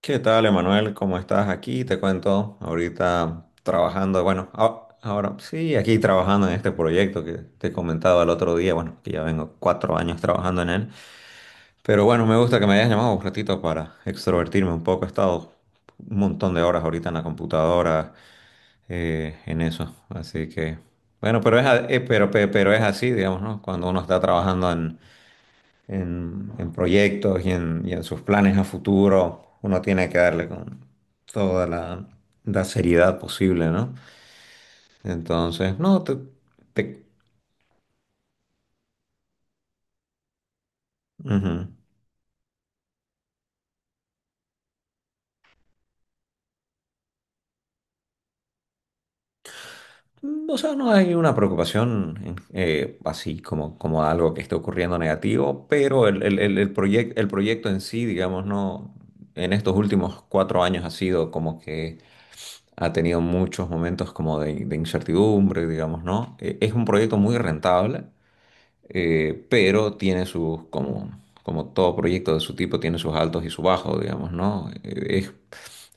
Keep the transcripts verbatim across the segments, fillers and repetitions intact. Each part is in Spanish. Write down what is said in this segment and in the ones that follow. ¿Qué tal, Emanuel? ¿Cómo estás? Aquí te cuento, ahorita trabajando, bueno, a- ahora sí, aquí trabajando en este proyecto que te comentaba el otro día, bueno, que ya vengo cuatro años trabajando en él, pero bueno, me gusta que me hayas llamado un ratito para extrovertirme un poco, he estado un montón de horas ahorita en la computadora, eh, en eso. Así que, bueno, pero es, a- eh, pero, pe- pero es así, digamos, ¿no? Cuando uno está trabajando en, en proyectos y en, y en sus planes a futuro, uno tiene que darle con toda la, la seriedad posible, ¿no? Entonces, no, te, te- ujú. O sea, no hay una preocupación eh, así como, como algo que esté ocurriendo negativo, pero el, el, el, el proyec- el proyecto en sí, digamos, no, en estos últimos cuatro años ha sido como que ha tenido muchos momentos como de, de incertidumbre, digamos, ¿no? Eh, Es un proyecto muy rentable, eh, pero tiene sus, como, como todo proyecto de su tipo, tiene sus altos y sus bajos, digamos, ¿no? Eh, Es,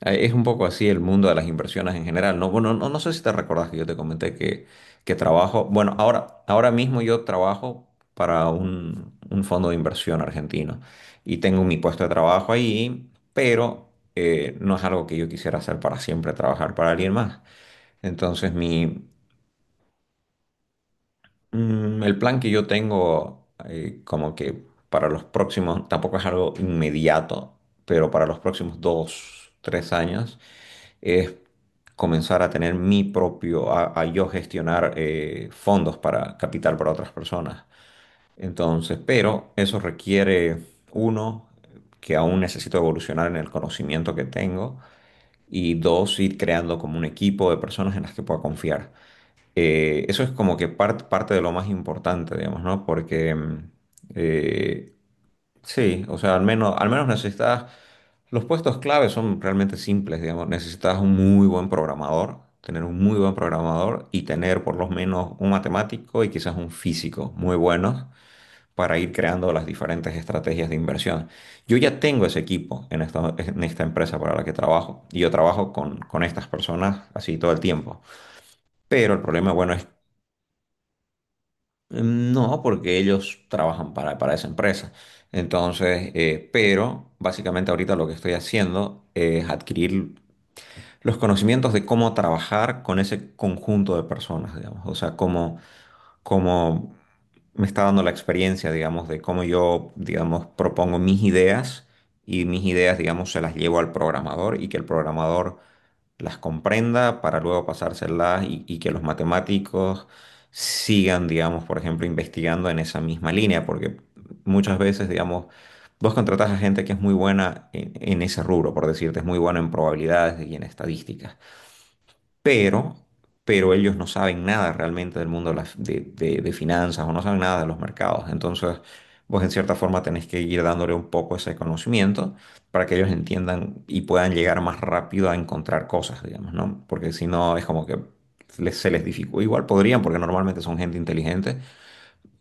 eh, Es un poco así el mundo de las inversiones en general, ¿no? Bueno, no, no sé si te recordás que yo te comenté que, que trabajo. Bueno, ahora, ahora mismo yo trabajo para un, un fondo de inversión argentino y tengo mi puesto de trabajo ahí, pero eh, no es algo que yo quisiera hacer para siempre, trabajar para alguien más. Entonces, mi, Mm, El plan que yo tengo, eh, como que para los próximos, tampoco es algo inmediato, pero para los próximos dos, tres años, es comenzar a tener mi propio, a, a yo gestionar eh, fondos para capital para otras personas. Entonces, pero eso requiere, uno, que aún necesito evolucionar en el conocimiento que tengo, y dos, ir creando como un equipo de personas en las que pueda confiar. Eh, eso es como que par- parte de lo más importante, digamos, ¿no? Porque mm, eh, sí, o sea, al menos, al menos necesitas, los puestos clave son realmente simples, digamos, necesitas un muy buen programador, tener un muy buen programador y tener por lo menos un matemático y quizás un físico muy buenos para ir creando las diferentes estrategias de inversión. Yo ya tengo ese equipo en esta, en esta empresa para la que trabajo y yo trabajo con, con estas personas así todo el tiempo. Pero el problema, bueno, es. Mm. No, porque ellos trabajan para, para esa empresa. Entonces, eh, pero básicamente ahorita lo que estoy haciendo es adquirir los conocimientos de cómo trabajar con ese conjunto de personas, digamos. O sea, cómo, cómo me está dando la experiencia, digamos, de cómo yo, digamos, propongo mis ideas y mis ideas, digamos, se las llevo al programador y que el programador las comprenda para luego pasárselas y, y que los matemáticos sigan, digamos, por ejemplo, investigando en esa misma línea, porque muchas veces, digamos, vos contratás a gente que es muy buena en, en ese rubro, por decirte, es muy buena en probabilidades y en estadísticas, pero, pero ellos no saben nada realmente del mundo de, las- de- de- de finanzas o no saben nada de los mercados. Entonces, vos en cierta forma tenés que ir dándole un poco ese conocimiento para que ellos entiendan y puedan llegar más rápido a encontrar cosas, digamos, ¿no? Porque si no, es como que les- se les dificulta. Igual podrían, porque normalmente son gente inteligente.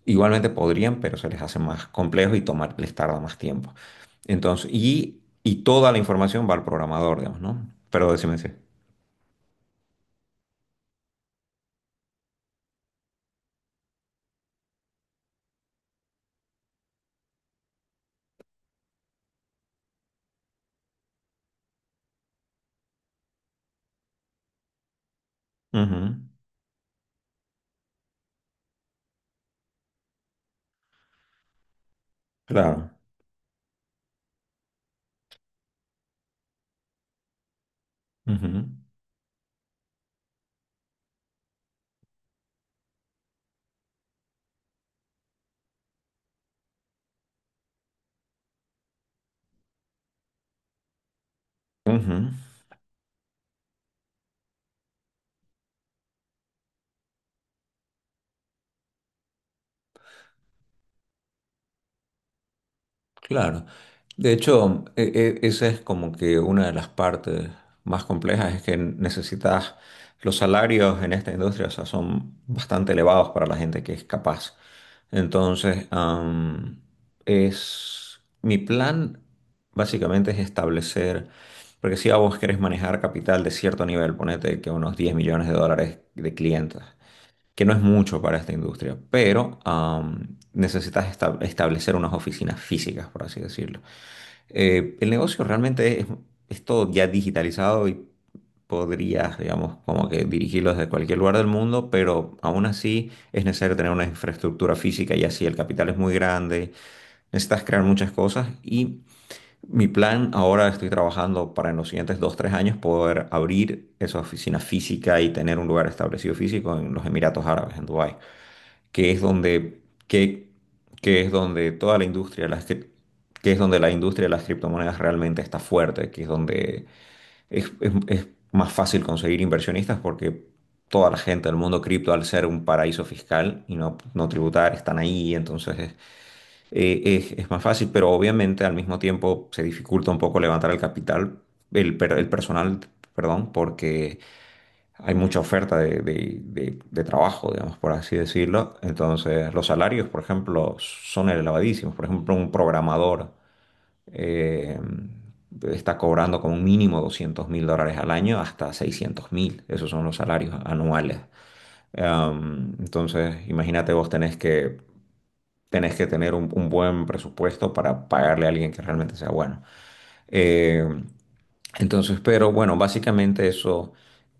Igualmente podrían, pero se les hace más complejo y tomar, les tarda más tiempo. Entonces, y, y toda la información va al programador, digamos, ¿no? Pero decime si. Ujú, claro. Ujú, ujú, claro. De hecho, e- e- esa es como que una de las partes más complejas, es que necesitas, los salarios en esta industria, o sea, son bastante elevados para la gente que es capaz. Entonces, am, es, mi plan básicamente es establecer, porque si a vos querés manejar capital de cierto nivel, ponete que unos diez millones de dólares de clientes, que no es mucho para esta industria, pero am, necesitas esta- establecer unas oficinas físicas, por así decirlo. Eh, el negocio realmente es, es todo ya digitalizado y podrías, digamos, como que dirigirlo desde cualquier lugar del mundo, pero aún así es necesario tener una infraestructura física y así el capital es muy grande, necesitas crear muchas cosas y mi plan ahora estoy trabajando para en los siguientes dos, tres años poder abrir esa oficina física y tener un lugar establecido físico en los Emiratos Árabes, en Dubái, que es donde, que, que es donde toda la industria, de las, cri- que es donde la industria de las criptomonedas realmente está fuerte, que es donde es, es- es más fácil conseguir inversionistas porque toda la gente del mundo cripto, al ser un paraíso fiscal y no, no tributar, están ahí. Entonces es, eh, es- es más fácil, pero obviamente al mismo tiempo se dificulta un poco levantar el capital, el, per- el personal, perdón, porque hay mucha oferta de, de- de- de trabajo, digamos, por así decirlo. Entonces, los salarios, por ejemplo, son elevadísimos. Por ejemplo, un programador eh, está cobrando como mínimo doscientos mil dólares al año hasta seiscientos mil. Esos son los salarios anuales. Em, entonces, imagínate, vos tenés que, tenés que tener un, un buen presupuesto para pagarle a alguien que realmente sea bueno. Eh, entonces, pero bueno, básicamente eso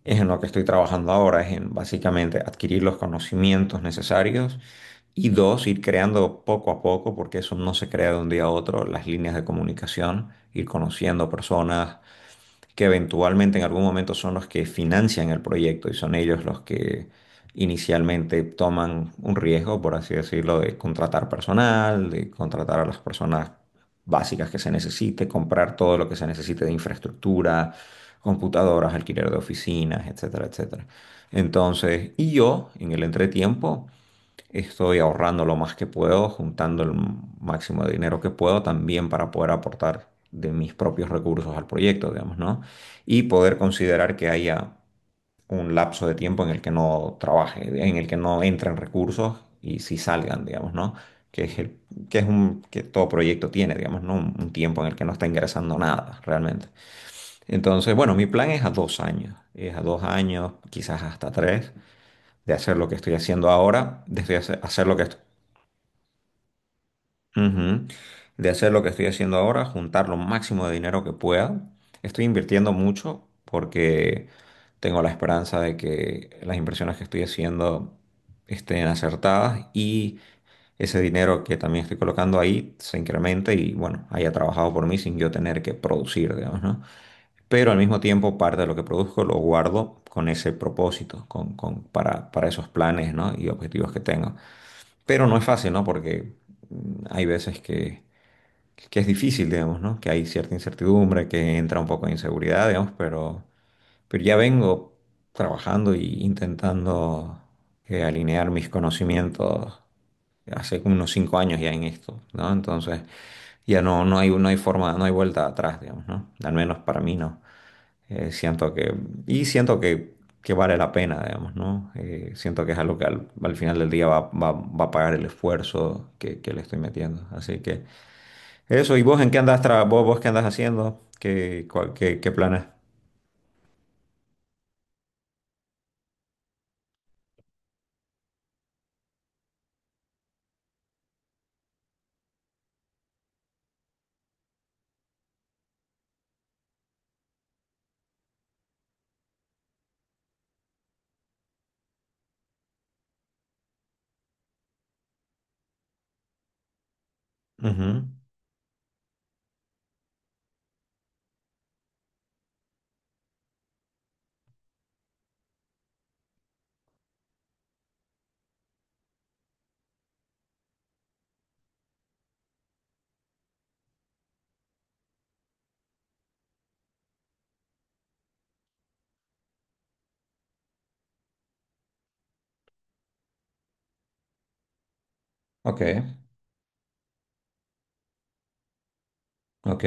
es en lo que estoy trabajando ahora, es en básicamente adquirir los conocimientos necesarios y dos, ir creando poco a poco, porque eso no se crea de un día a otro, las líneas de comunicación, ir conociendo personas, que eventualmente en algún momento son los que financian el proyecto y son ellos los que inicialmente toman un riesgo, por así decirlo, de contratar personal, de contratar a las personas básicas que se necesite, comprar todo lo que se necesite de infraestructura, computadoras, alquiler de oficinas, etcétera, etcétera. Entonces, y yo en el entretiempo estoy ahorrando lo más que puedo, juntando el máximo de dinero que puedo también para poder aportar de mis propios recursos al proyecto, digamos, ¿no? Y poder considerar que haya un lapso de tiempo en el que no trabaje, en el que no entren recursos y si salgan, digamos, ¿no? Que es el- que es un, Que todo proyecto tiene, digamos, ¿no? Un, un tiempo en el que no está ingresando nada realmente. Entonces, bueno, mi plan es a dos años, es a dos años, quizás hasta tres, de hacer lo que estoy haciendo ahora, de hacer hacer lo que estoy ujú. De hacer lo que estoy haciendo ahora, juntar lo máximo de dinero que pueda. Estoy invirtiendo mucho porque tengo la esperanza de que las inversiones que estoy haciendo estén acertadas y ese dinero que también estoy colocando ahí se incremente y, bueno, haya trabajado por mí sin yo tener que producir, digamos, ¿no? Pero al mismo tiempo parte de lo que produzco lo guardo con ese propósito, con, con- para, para esos planes, ¿no?, y objetivos que tengo. Pero no es fácil, ¿no? Porque mm, hay veces que que es difícil, digamos, ¿no? Que hay cierta incertidumbre, que entra un poco de inseguridad, digamos, pero, pero ya vengo trabajando e intentando eh, alinear mis conocimientos hace como unos cinco años ya en esto, ¿no? Entonces ya no, no hay, no hay forma, no hay vuelta atrás, digamos, ¿no? Al menos para mí no. Eh, siento que, y siento que, que vale la pena, digamos, ¿no? Eh, siento que es algo que al, al final del día va, va- va a pagar el esfuerzo que, que le estoy metiendo. Así que eso. ¿Y vos en qué andas tra vos, vos qué andas haciendo? ¿Qué, cuál- qué, qué planes? Ujú. Ok, ok,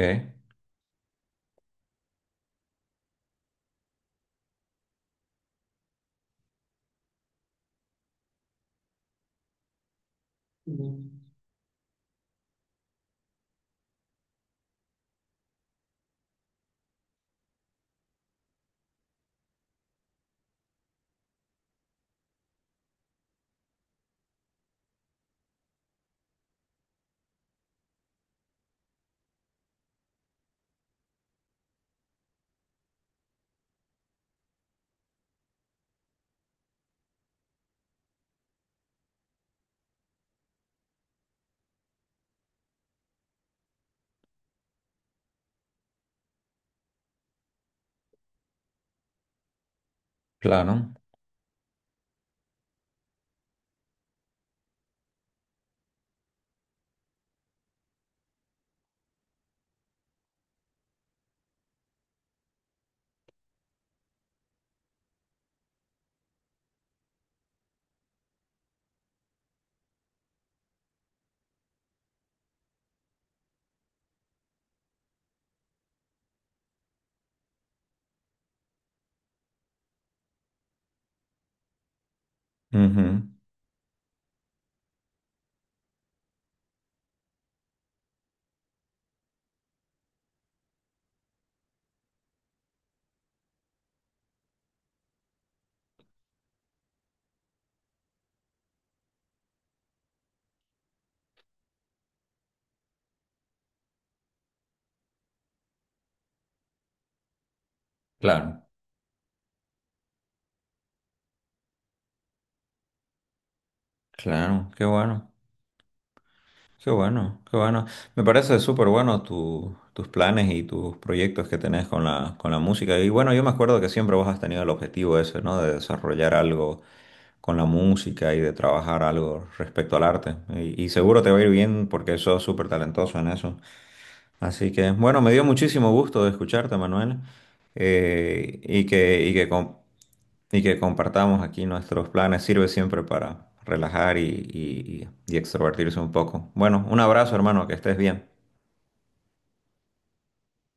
claro. Ujú, claro, claro, qué bueno, qué bueno, qué bueno. Me parece súper bueno tu- tus planes y tus proyectos que tenés con la, con la música. Y bueno, yo me acuerdo que siempre vos has tenido el objetivo ese, ¿no? De desarrollar algo con la música y de trabajar algo respecto al arte. Y, y seguro te va a ir bien porque sos súper talentoso en eso. Así que, bueno, me dio muchísimo gusto de escucharte, Manuel, eh, y que, y que, com- y que compartamos aquí nuestros planes. Sirve siempre para relajar y, y, y y extrovertirse un poco. Bueno, un abrazo, hermano, que estés bien.